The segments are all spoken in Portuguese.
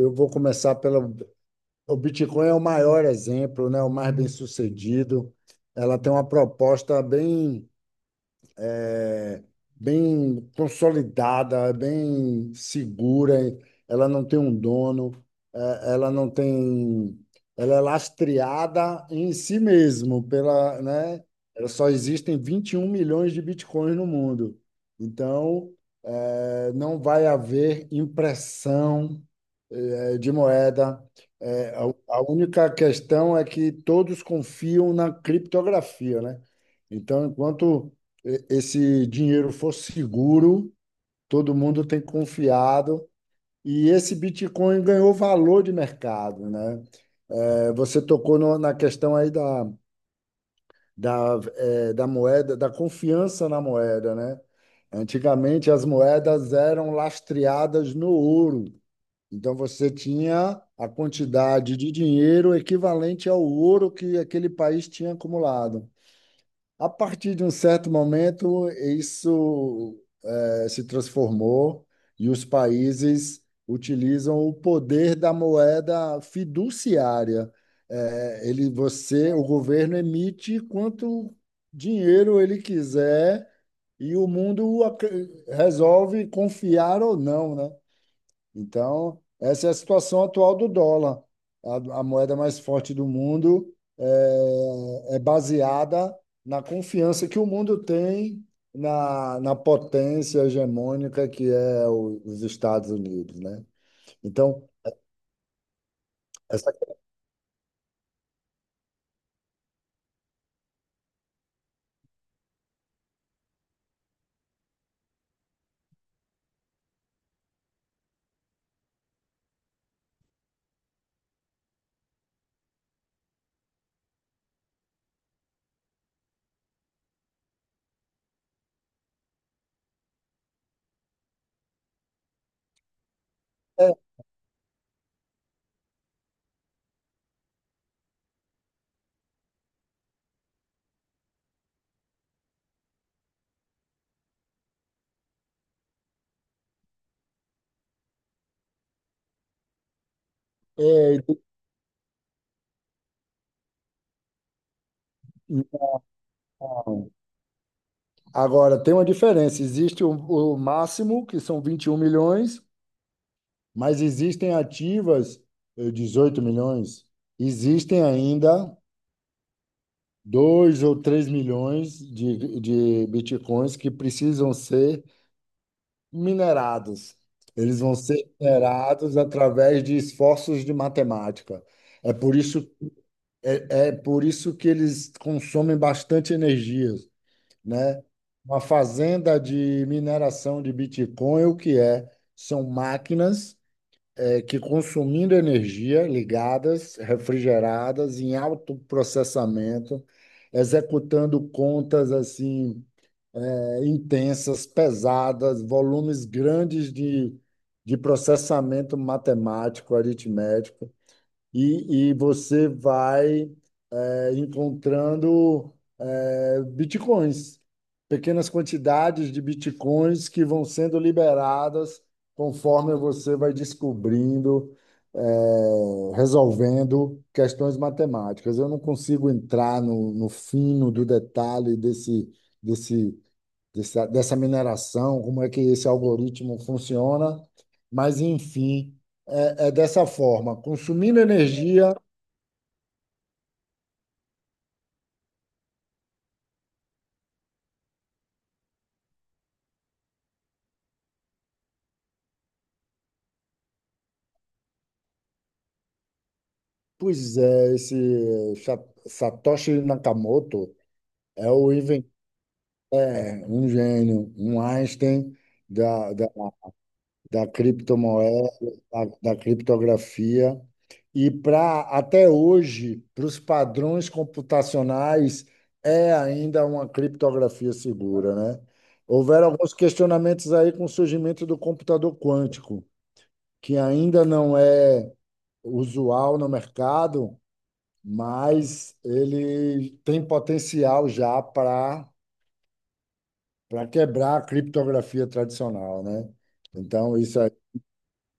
Eu vou começar pelo. O Bitcoin é o maior exemplo, né? O mais bem-sucedido. Ela tem uma proposta bem é, bem consolidada, bem segura, ela não tem um dono, ela não tem. Ela é lastreada em si mesmo, pela, né? Ela Só existem 21 milhões de bitcoins no mundo. Então, não vai haver impressão, de moeda. É, a, a única questão é que todos confiam na criptografia, né? Então, enquanto esse dinheiro for seguro, todo mundo tem confiado. E esse Bitcoin ganhou valor de mercado, né? É, você tocou na questão aí da, da moeda, da confiança na moeda, né? Antigamente as moedas eram lastreadas no ouro. Então você tinha a quantidade de dinheiro equivalente ao ouro que aquele país tinha acumulado. A partir de um certo momento, isso se transformou e os países utilizam o poder da moeda fiduciária. O governo emite quanto dinheiro ele quiser e o mundo resolve confiar ou não, né? Então, essa é a situação atual do dólar. A moeda mais forte do mundo é baseada na confiança que o mundo tem na, na potência hegemônica que é os Estados Unidos, né? Então, essa é, é, não. Agora, tem uma diferença. Existe o máximo, que são 21 milhões, mas existem ativas 18 milhões. Existem ainda dois ou três milhões de bitcoins que precisam ser minerados. Eles vão ser minerados através de esforços de matemática. É por isso, é por isso que eles consomem bastante energia, né? Uma fazenda de mineração de Bitcoin, o que é? São máquinas que consumindo energia ligadas, refrigeradas, em alto processamento, executando contas assim intensas, pesadas, volumes grandes de processamento matemático, aritmético, e você vai encontrando bitcoins, pequenas quantidades de bitcoins que vão sendo liberadas conforme você vai descobrindo, resolvendo questões matemáticas. Eu não consigo entrar no, no fino do detalhe desse, desse, dessa, dessa mineração, como é que esse algoritmo funciona, mas enfim. É, é dessa forma, consumindo energia. Pois é, esse Satoshi Nakamoto é o é um gênio, um Einstein da, da, da criptomoeda, da, da criptografia. E para até hoje, para os padrões computacionais, é ainda uma criptografia segura, né? Houveram alguns questionamentos aí com o surgimento do computador quântico, que ainda não é usual no mercado, mas ele tem potencial já para quebrar a criptografia tradicional, né? Então, isso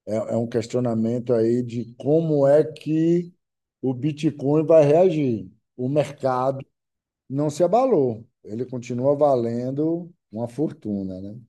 é um questionamento aí de como é que o Bitcoin vai reagir. O mercado não se abalou, ele continua valendo uma fortuna, né?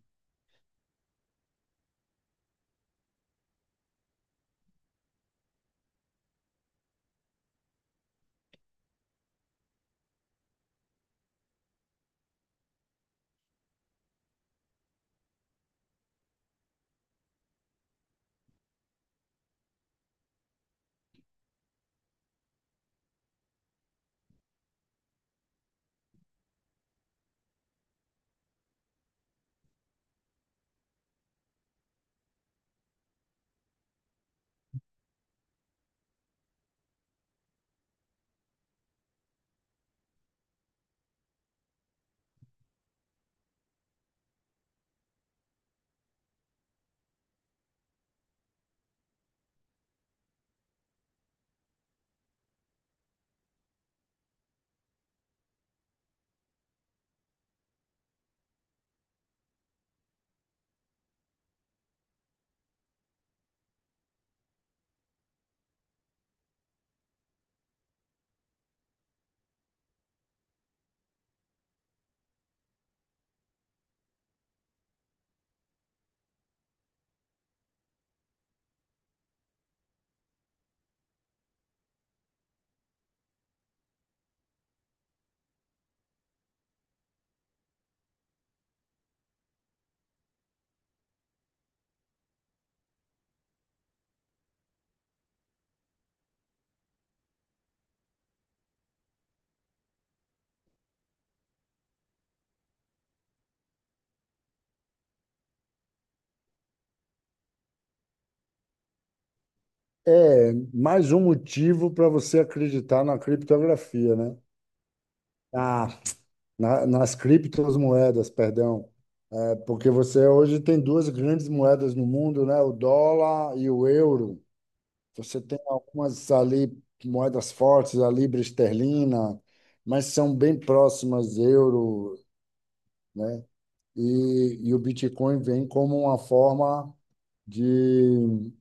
É mais um motivo para você acreditar na criptografia, né? Ah, nas criptomoedas, perdão. Porque você hoje tem duas grandes moedas no mundo, né? O dólar e o euro. Você tem algumas ali moedas fortes, a libra esterlina, mas são bem próximas euro, né? E o Bitcoin vem como uma forma de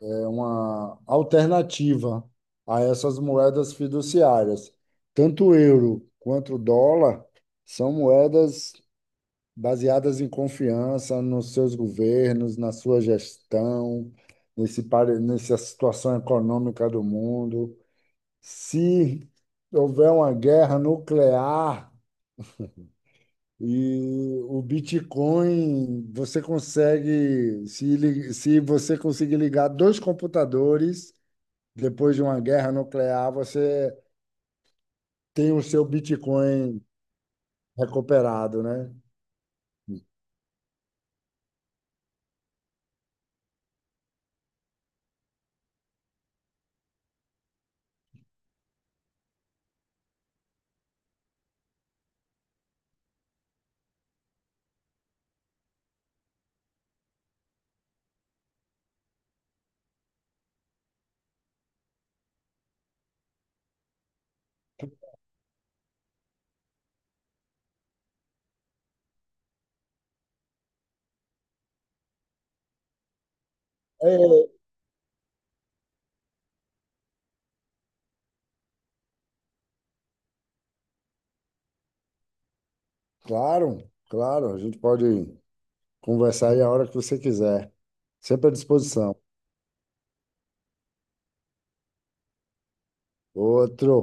uma alternativa a essas moedas fiduciárias. Tanto o euro quanto o dólar são moedas baseadas em confiança nos seus governos, na sua gestão, nesse, nessa situação econômica do mundo. Se houver uma guerra nuclear e o Bitcoin, você consegue, se você conseguir ligar dois computadores depois de uma guerra nuclear, você tem o seu Bitcoin recuperado, né? É, claro, claro, a gente pode. Conversar aí a hora que você quiser. Sempre à disposição. Outro.